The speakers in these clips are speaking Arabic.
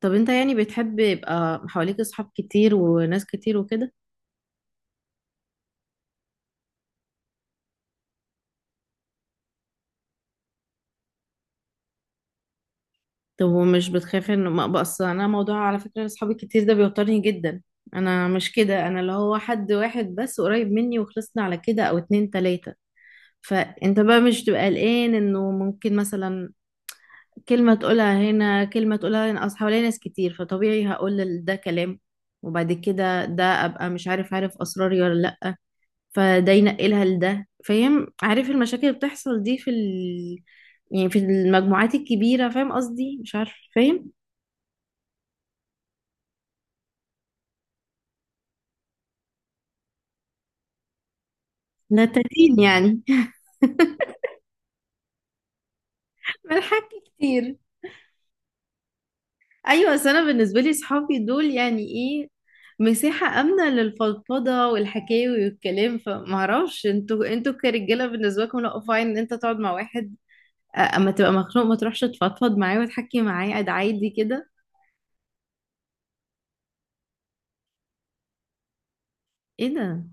طب انت يعني بتحب يبقى حواليك اصحاب كتير وناس كتير وكده؟ طب ومش بتخاف ان ما بس انا موضوع، على فكرة اصحابي الكتير ده بيوترني جدا. انا مش كده، انا اللي هو حد واحد بس قريب مني وخلصنا على كده، او اتنين تلاتة. فانت بقى مش تبقى قلقان انه ممكن مثلا كلمة تقولها هنا كلمة تقولها هنا، اصل حواليا ناس كتير فطبيعي هقول ده كلام. وبعد كده ده ابقى مش عارف، عارف اسراري ولا لا؟ فده ينقلها لده، فاهم؟ عارف المشاكل اللي بتحصل دي في يعني في المجموعات الكبيرة، فاهم قصدي؟ مش عارف، فاهم؟ نتاتين يعني. ملحك كتير. ايوه، بس انا بالنسبة لي صحابي دول يعني ايه؟ مساحة آمنة للفضفضة والحكاوي والكلام. فمعرفش انتوا كرجالة بالنسبة لكم، لا، فاين ان انت تقعد مع واحد، اما تبقى مخنوق ما تروحش تفضفض معاه وتحكي معاه قاعد عادي كده؟ ايه ده!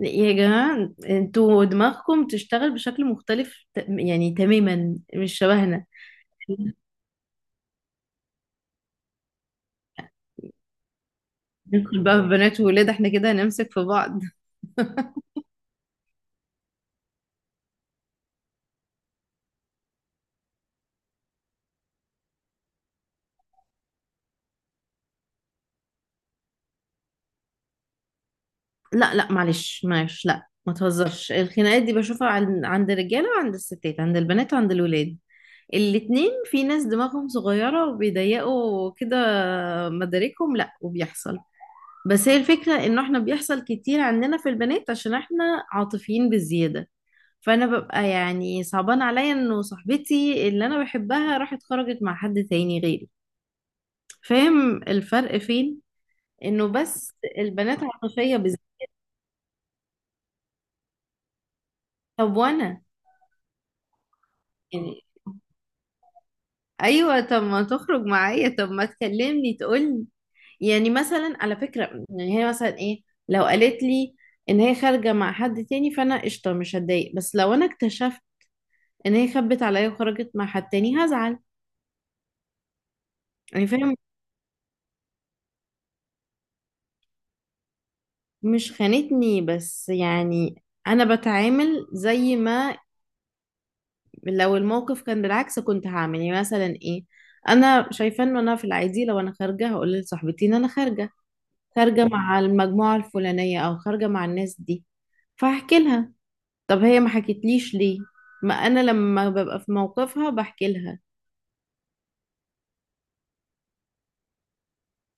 يا جماعة انتوا دماغكم تشتغل بشكل مختلف، يعني تماما مش شبهنا. ندخل بقى في بنات وولاد احنا كده هنمسك في بعض. لا لا، معلش معلش، لا ما تهزرش، الخناقات دي بشوفها عند الرجالة وعند الستات، عند البنات وعند الولاد، الاتنين. في ناس دماغهم صغيرة وبيضيقوا كده، مداركهم، لا، وبيحصل. بس هي الفكرة انه احنا بيحصل كتير عندنا في البنات عشان احنا عاطفيين بالزيادة. فانا ببقى يعني صعبان عليا انه صاحبتي اللي انا بحبها راحت خرجت مع حد تاني غيري، فاهم الفرق فين؟ انه بس البنات عاطفية بالذات. طب وانا يعني؟ ايوه طب ما تخرج معايا، طب ما تكلمني تقولي. يعني مثلا على فكرة، يعني هي مثلا ايه، لو قالت لي ان هي خارجة مع حد تاني، فانا قشطة، مش هتضايق. بس لو انا اكتشفت ان هي خبت عليا وخرجت مع حد تاني هزعل. يعني فاهم؟ مش خانتني، بس يعني انا بتعامل زي ما لو الموقف كان بالعكس كنت هعمل. يعني مثلا ايه، انا شايفه ان انا في العادي لو انا خارجه هقول لصاحبتي ان انا خارجه، خارجه مع المجموعه الفلانيه او خارجه مع الناس دي، فاحكي لها. طب هي ما حكتليش ليه؟ ما انا لما ببقى في موقفها بحكي لها.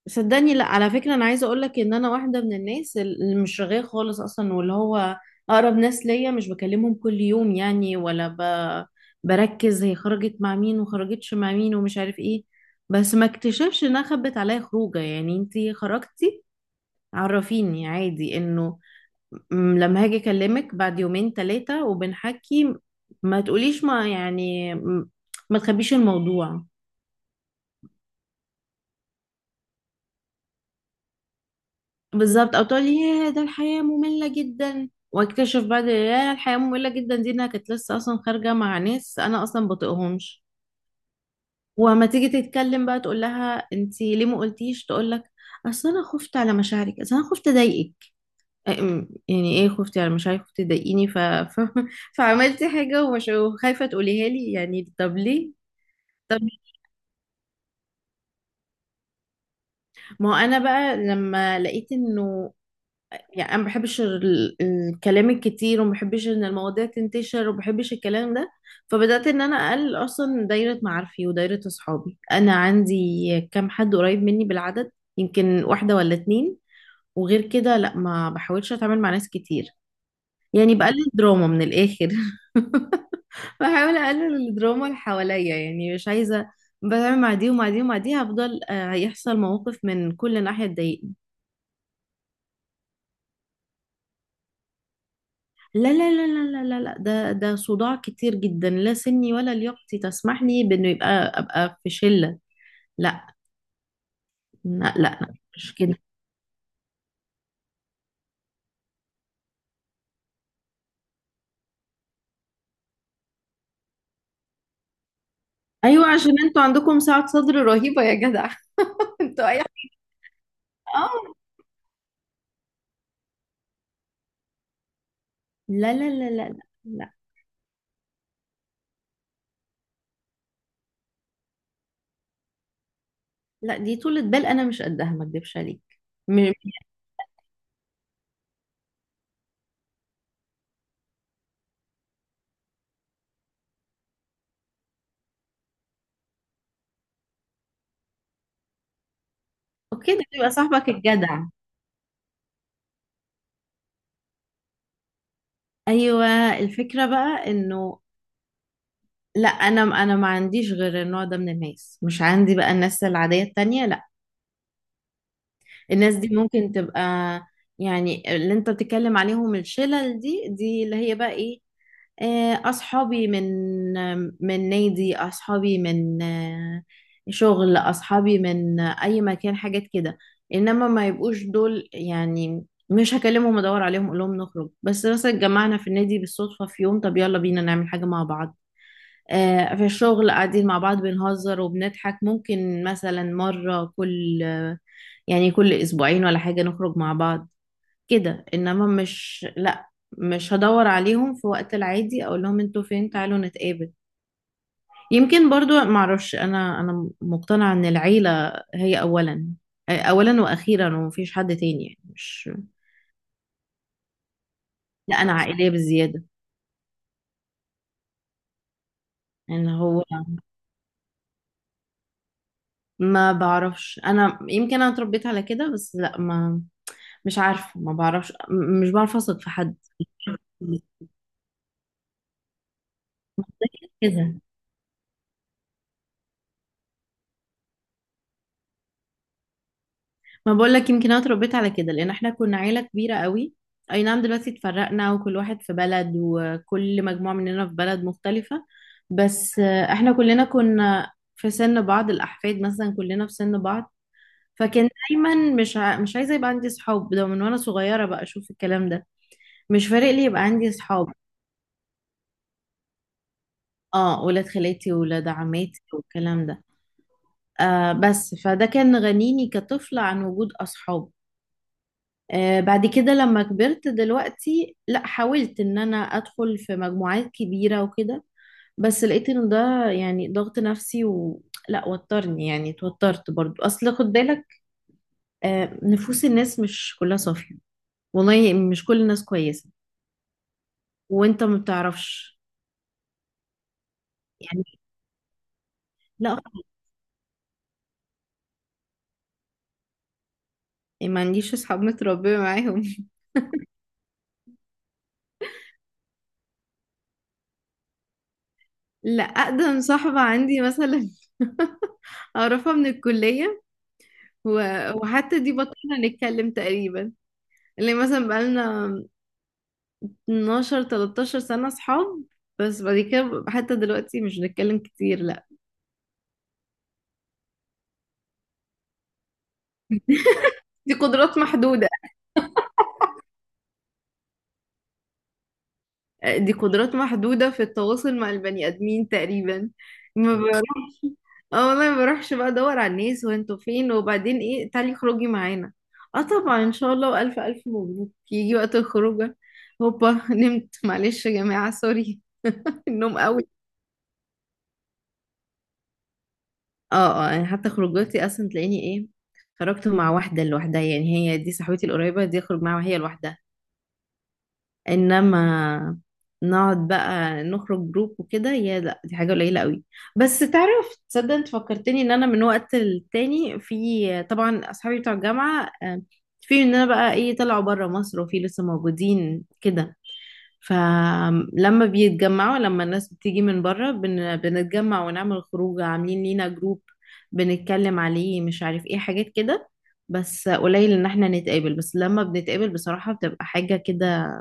صدقني، لا، على فكرة أنا عايزة أقولك إن أنا واحدة من الناس اللي مش رغاية خالص أصلا، واللي هو أقرب ناس ليا مش بكلمهم كل يوم يعني، ولا بركز هي خرجت مع مين وخرجتش مع مين ومش عارف إيه. بس ما اكتشفش إنها خبت عليا خروجة. يعني أنتي خرجتي، عرفيني عادي، إنه لما هاجي أكلمك بعد يومين تلاتة وبنحكي، ما تقوليش، ما يعني ما تخبيش الموضوع. بالظبط، او تقول لي يا ده الحياة مملة جدا، واكتشف بعد يا الحياة مملة جدا دي انها كانت لسه اصلا خارجة مع ناس انا اصلا بطيقهمش. وما تيجي تتكلم بقى تقول لها انتي ليه ما قلتيش، تقول لك اصل انا خفت على مشاعرك، اصل انا خفت اضايقك. يعني ايه خفتي على مشاعري، خفتي تضايقيني، فعملتي حاجة ومش وخايفة تقوليها لي يعني، طب ليه؟ طب ما هو انا بقى لما لقيت انه يعني انا ما بحبش الكلام الكتير، وما بحبش ان المواضيع تنتشر، وما بحبش الكلام ده، فبدات ان انا اقلل اصلا دايره معارفي ودايره اصحابي. انا عندي كام حد قريب مني بالعدد، يمكن واحده ولا اتنين، وغير كده لا، ما بحاولش اتعامل مع ناس كتير. يعني بقلل دراما من الاخر. بحاول اقلل الدراما اللي حواليا، يعني مش عايزه بتعامل مع دي ومع دي ومع دي، هفضل هيحصل مواقف من كل ناحيه تضايقني. لا لا لا لا لا لا لا، ده صداع كتير جدا، لا سني ولا لياقتي تسمح لي بانه يبقى ابقى في شلة، لا. لا لا لا، مش كده. ايوه عشان انتوا عندكم سعة صدر رهيبة يا جدع. انتوا اي! اه. لا لا لا لا لا لا لا، دي طولة بال انا مش قدها، ما اكدبش عليك. م- اوكي، ده بيبقى صاحبك الجدع. ايوه، الفكرة بقى انه، لا، انا ما عنديش غير النوع ده من الناس، مش عندي بقى الناس العادية التانية، لا. الناس دي ممكن تبقى، يعني اللي انت بتتكلم عليهم الشلل دي، دي اللي هي بقى ايه، اصحابي من نادي، اصحابي من شغل، اصحابي من اي مكان، حاجات كده. انما ما يبقوش دول يعني مش هكلمهم ادور عليهم اقول لهم نخرج. بس مثلا اتجمعنا في النادي بالصدفة في يوم، طب يلا بينا نعمل حاجة مع بعض. في الشغل قاعدين مع بعض بنهزر وبنضحك، ممكن مثلا مرة كل يعني كل اسبوعين ولا حاجة نخرج مع بعض كده، انما مش لا، مش هدور عليهم في وقت العادي اقول لهم انتوا فين تعالوا نتقابل. يمكن برضو معرفش، انا مقتنعة ان العيلة هي اولا، اولا واخيرا، ومفيش حد تاني يعني مش. لا انا عائلية بزيادة، يعني هو. ما بعرفش، انا يمكن انا اتربيت على كده. بس لا ما مش عارفة، ما بعرفش، مش بعرف اثق في حد كده. ما بقول لك يمكن انا اتربيت على كده لان احنا كنا عيله كبيره قوي. اي نعم دلوقتي اتفرقنا، وكل واحد في بلد، وكل مجموعه مننا في بلد مختلفه. بس احنا كلنا كنا في سن بعض، الاحفاد مثلا كلنا في سن بعض. فكان دايما مش مش عايزه يبقى عندي صحاب، ده من وانا صغيره بقى اشوف الكلام ده. مش فارق لي يبقى عندي صحاب. اه، ولاد خالاتي وولاد عماتي والكلام ده. بس فده كان غنيني كطفله عن وجود اصحاب. بعد كده لما كبرت دلوقتي لا حاولت ان انا ادخل في مجموعات كبيرة وكده، بس لقيت ان ده يعني ضغط نفسي و... لا وترني، يعني اتوترت برضو. اصل خد بالك، نفوس الناس مش كلها صافية، والله مش كل الناس كويسة، وانت ما بتعرفش يعني. لا، ما عنديش اصحاب متربية معاهم. لا، اقدم صاحبة عندي مثلا، اعرفها من الكلية و... وحتى دي بطلنا نتكلم تقريبا، اللي مثلا بقالنا 12 13 سنة صحاب. بس بعد كده حتى دلوقتي مش بنتكلم كتير، لا. دي قدرات محدودة، دي قدرات محدودة في التواصل مع البني آدمين تقريبا. ما بروحش. اه والله ما بروحش بقى ادور على الناس، وانتوا فين، وبعدين ايه تعالي خروجي معانا. اه طبعا ان شاء الله، والف الف مبروك، يجي وقت الخروجه. هوبا، نمت، معلش يا جماعة، سوري. النوم قوي. اه اه، يعني حتى خروجاتي اصلا تلاقيني ايه، خرجت مع واحدة لوحدها. يعني هي دي صاحبتي القريبة دي، اخرج معاها وهي لوحدها. انما نقعد بقى نخرج جروب وكده، يا لا دي حاجة قليلة قوي. بس تعرف تصدق، انت فكرتني ان انا من وقت للتاني، في طبعا اصحابي بتوع الجامعة في ان انا بقى ايه، طلعوا بره مصر وفي لسه موجودين كده، فلما بيتجمعوا لما الناس بتيجي من بره بنتجمع ونعمل خروج. عاملين لينا جروب بنتكلم عليه، مش عارف ايه، حاجات كده. بس قليل ان احنا نتقابل، بس لما بنتقابل بصراحة بتبقى حاجة كده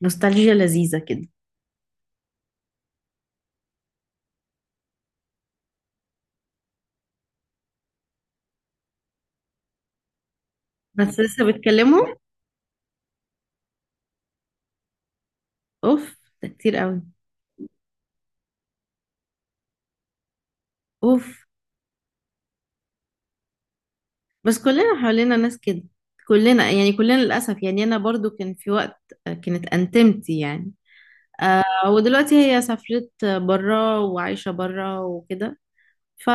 نوستالجيا لذيذة كده. بس لسه بتكلموا؟ اوف، ده كتير قوي. اوف. بس كلنا حوالينا ناس كده، كلنا يعني، كلنا للأسف. يعني أنا برضو كان في وقت كانت أنتمتي يعني، ودلوقتي هي سافرت برا وعايشة برا وكده. ف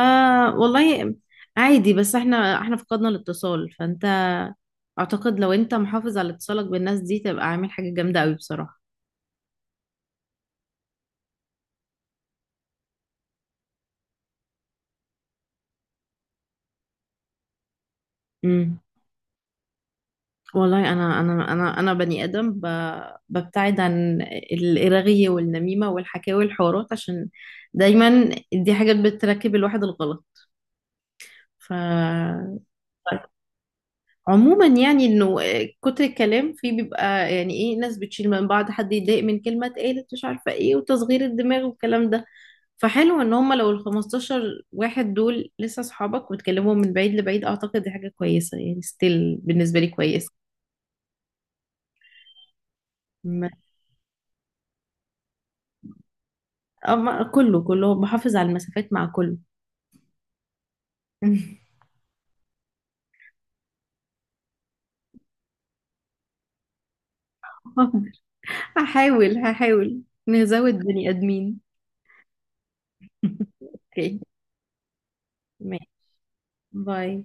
والله عادي. بس احنا فقدنا الاتصال. فانت اعتقد لو انت محافظ على اتصالك بالناس دي تبقى عامل حاجة جامدة قوي بصراحة. امم والله انا بني ادم ببتعد عن الرغي والنميمة والحكاوي والحوارات عشان دايما دي حاجات بتركب الواحد الغلط. ف عموما يعني انه كتر الكلام فيه بيبقى يعني ايه، ناس بتشيل من بعض، حد يتضايق من كلمة اتقالت مش عارفة ايه، وتصغير الدماغ والكلام ده. فحلو ان هم لو ال 15 واحد دول لسه اصحابك وتكلمهم من بعيد لبعيد، اعتقد دي حاجه كويسه يعني، ستيل بالنسبه لي كويسه. ما- أما كله كله بحافظ على المسافات مع كله. هحاول هحاول، نزود بني ادمين. اوكي، ماشي. باي.